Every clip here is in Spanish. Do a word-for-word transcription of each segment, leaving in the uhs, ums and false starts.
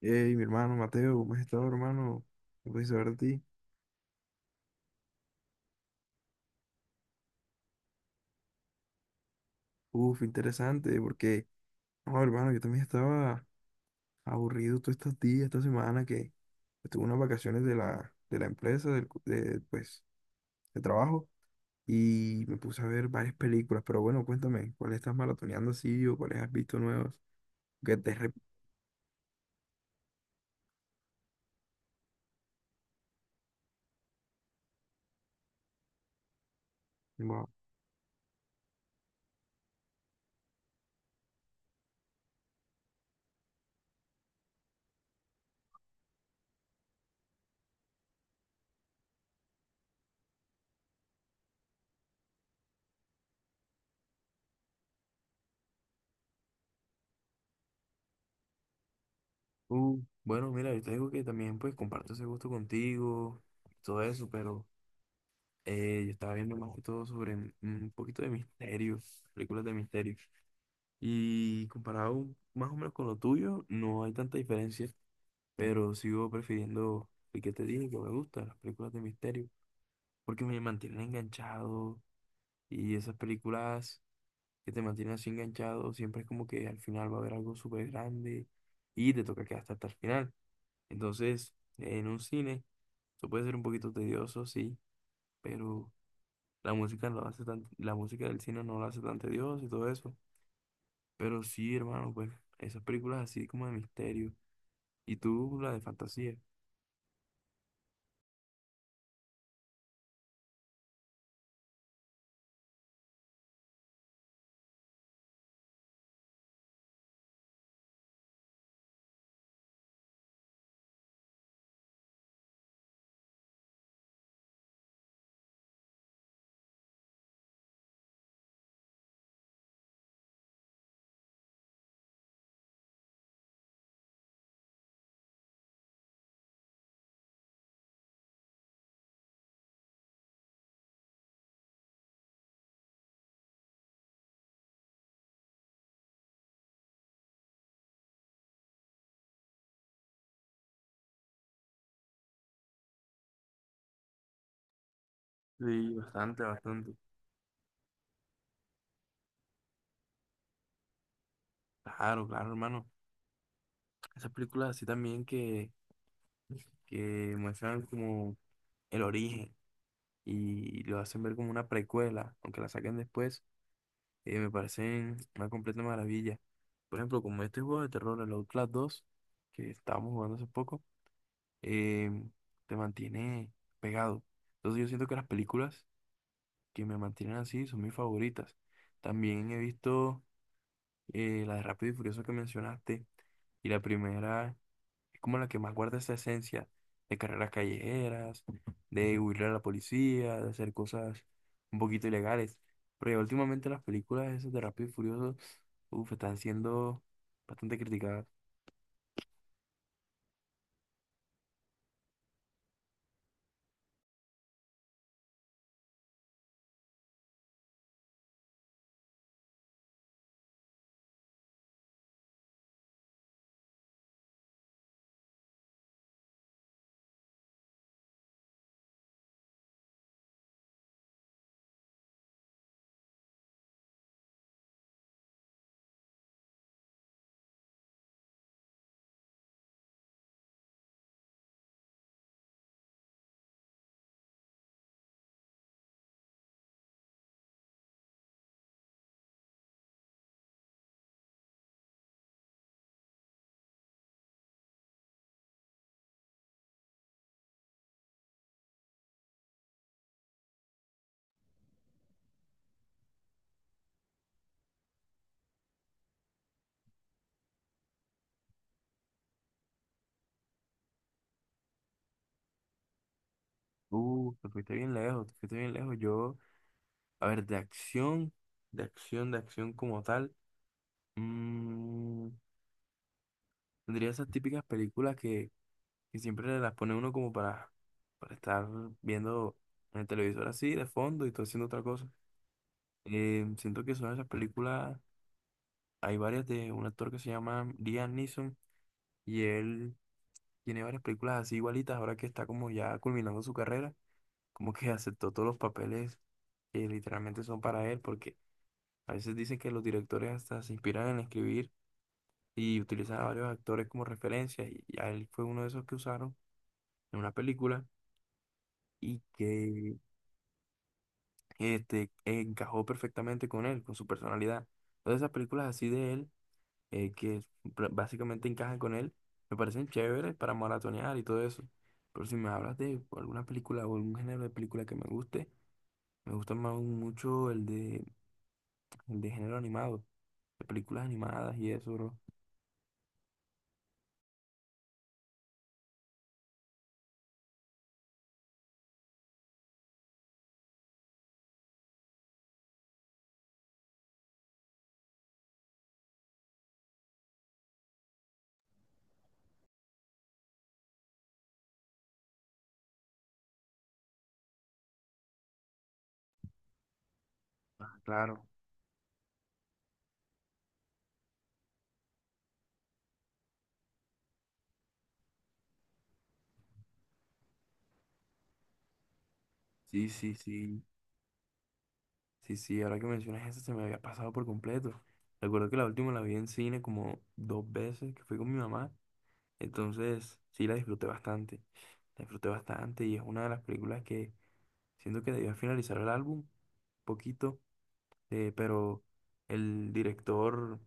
Hey, mi hermano Mateo, ¿cómo has estado, hermano? ¿Qué puedes saber de ti? Uf, interesante, porque, no, hermano, yo también estaba aburrido todos estos días, esta semana que estuve unas vacaciones de la, de la empresa, del, cu- de, pues, de trabajo, y me puse a ver varias películas. Pero bueno, cuéntame, ¿cuáles estás maratoneando así o cuáles has visto nuevos? Que te... re- Wow. Uh, bueno, mira, yo te digo que también pues comparto ese gusto contigo, todo eso, pero Eh, yo estaba viendo más que todo sobre un un poquito de misterio, películas de misterio. Y comparado más o menos con lo tuyo, no hay tanta diferencia, pero sigo prefiriendo el que te dije que me gusta, las películas de misterio, porque me mantienen enganchado, y esas películas que te mantienen así enganchado, siempre es como que al final va a haber algo súper grande y te toca quedarte hasta el final. Entonces, en un cine, eso puede ser un poquito tedioso, sí, pero... la música lo hace tan, la música del cine no lo hace tan tedioso y todo eso. Pero sí, hermano, pues esas películas así como de misterio. Y tú, la de fantasía. Sí, bastante, bastante. Claro, claro, hermano. Esas películas así también que, que muestran como el origen y lo hacen ver como una precuela, aunque la saquen después, eh, me parecen una completa maravilla. Por ejemplo, como este juego de terror, el Outlast dos, que estábamos jugando hace poco. eh, Te mantiene pegado. Entonces yo siento que las películas que me mantienen así son mis favoritas. También he visto eh, la de Rápido y Furioso que mencionaste, y la primera es como la que más guarda esa esencia de carreras callejeras, de huirle a la policía, de hacer cosas un poquito ilegales. Pero ya últimamente las películas esas de Rápido y Furioso, uf, están siendo bastante criticadas. Uh, te fuiste bien lejos, te fuiste bien lejos. Yo, a ver, de acción, de acción, de acción como tal. mm, Tendría esas típicas películas que, que siempre las pone uno como para, para estar viendo en el televisor así, de fondo, y todo haciendo otra cosa. Eh, siento que son esas películas, hay varias de un actor que se llama Liam Neeson, y él tiene varias películas así igualitas, ahora que está como ya culminando su carrera, como que aceptó todos los papeles que literalmente son para él, porque a veces dicen que los directores hasta se inspiran en escribir y utilizan a varios actores como referencias, y a él fue uno de esos que usaron en una película y que este, encajó perfectamente con él, con su personalidad. Entonces esas películas así de él, eh, que pr- básicamente encajan con él, me parecen chéveres para maratonear y todo eso. Pero si me hablas de alguna película o algún género de película que me guste, me gusta más mucho el de, el de género animado, de películas animadas y eso, bro. Ah, claro. Sí, sí, sí. Sí, sí, ahora que mencionas eso se me había pasado por completo. Recuerdo que la última la vi en cine como dos veces, que fui con mi mamá. Entonces, sí, la disfruté bastante. La disfruté bastante y es una de las películas que siento que debía finalizar el álbum poquito, eh, pero el director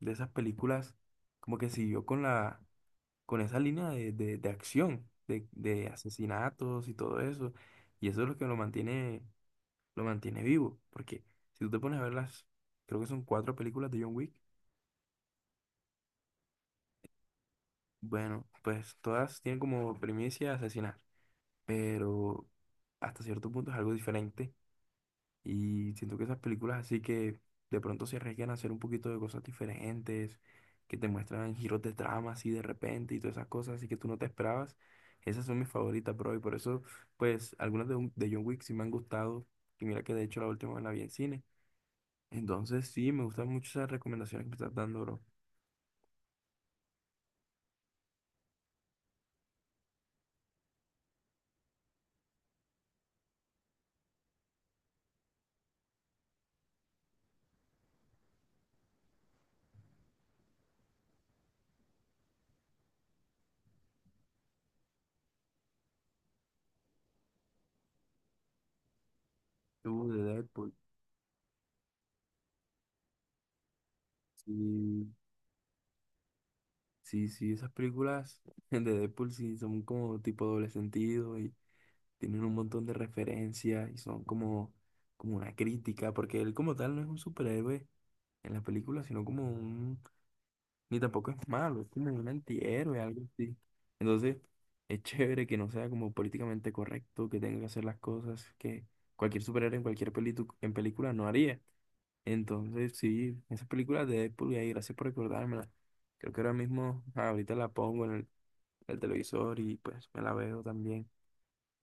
de esas películas como que siguió con la, con esa línea de, de, de acción, de, de asesinatos y todo eso. Y eso es lo que lo mantiene lo mantiene vivo. Porque si tú te pones a ver las, creo que son cuatro películas de John Wick, bueno, pues todas tienen como primicia asesinar, pero hasta cierto punto es algo diferente. Y siento que esas películas así que de pronto se arriesgan a hacer un poquito de cosas diferentes, que te muestran giros de trama así de repente y todas esas cosas así que tú no te esperabas. Esas son mis favoritas, bro, y por eso, pues, algunas de, de John Wick sí me han gustado. Y mira que de hecho la última la vi en cine. Entonces, sí, me gustan mucho esas recomendaciones que me estás dando, bro. Tú, de Deadpool. Sí, sí, sí, esas películas de Deadpool sí son como tipo doble sentido y tienen un montón de referencias y son como, como una crítica, porque él como tal no es un superhéroe en la película, sino como un, ni tampoco es malo, es como un antihéroe, algo así. Entonces, es chévere que no sea como políticamente correcto, que tenga que hacer las cosas que cualquier superhéroe en cualquier pelitu- en película no haría. Entonces, sí, esas películas de Deadpool, y ahí, gracias por recordármela. Creo que ahora mismo, ah, ahorita la pongo en el, el televisor y pues me la veo también.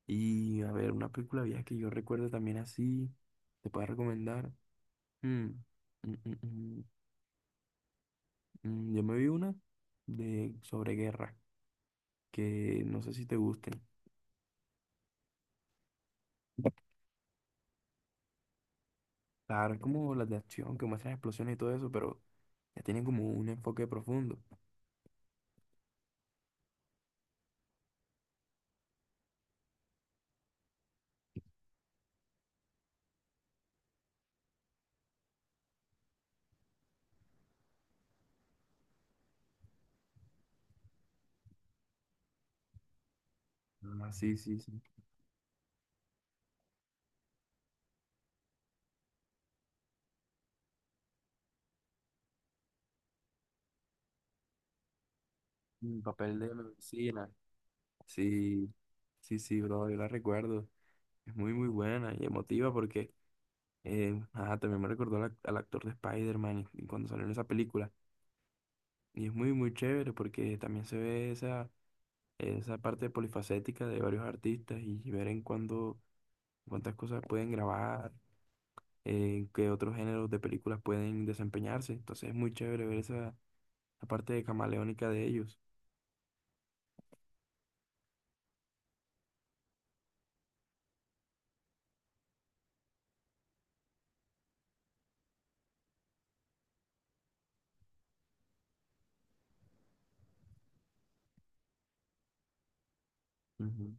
Y a ver, una película vieja que yo recuerdo también así, te puedo recomendar. Mm, mm, mm, mm, mm, yo me vi una de sobre guerra, que no sé si te gusten. Claro, es como las de acción que muestran explosiones y todo eso, pero ya tienen como un enfoque profundo. Ah, sí, sí, sí. El papel de la vecina. Sí. Sí, sí, bro, yo la recuerdo. Es muy, muy buena y emotiva porque eh, ajá, también me recordó al, ac- al actor de Spider-Man y- y cuando salió en esa película. Y es muy, muy chévere porque también se ve esa, esa parte polifacética de varios artistas y ver en cuándo, cuántas cosas pueden grabar, en qué otros géneros de películas pueden desempeñarse. Entonces es muy chévere ver esa, la parte de camaleónica de ellos. Ujú.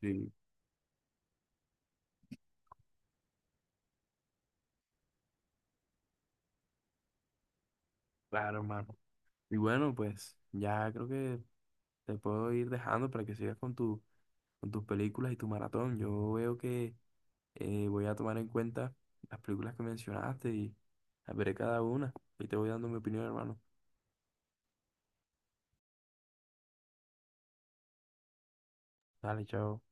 Sí, claro, hermano. Y bueno, pues ya creo que te puedo ir dejando para que sigas con tu con tus películas y tu maratón. Yo veo que eh, voy a tomar en cuenta las películas que mencionaste y las veré cada una. Y te voy dando mi opinión, hermano. Dale, chao.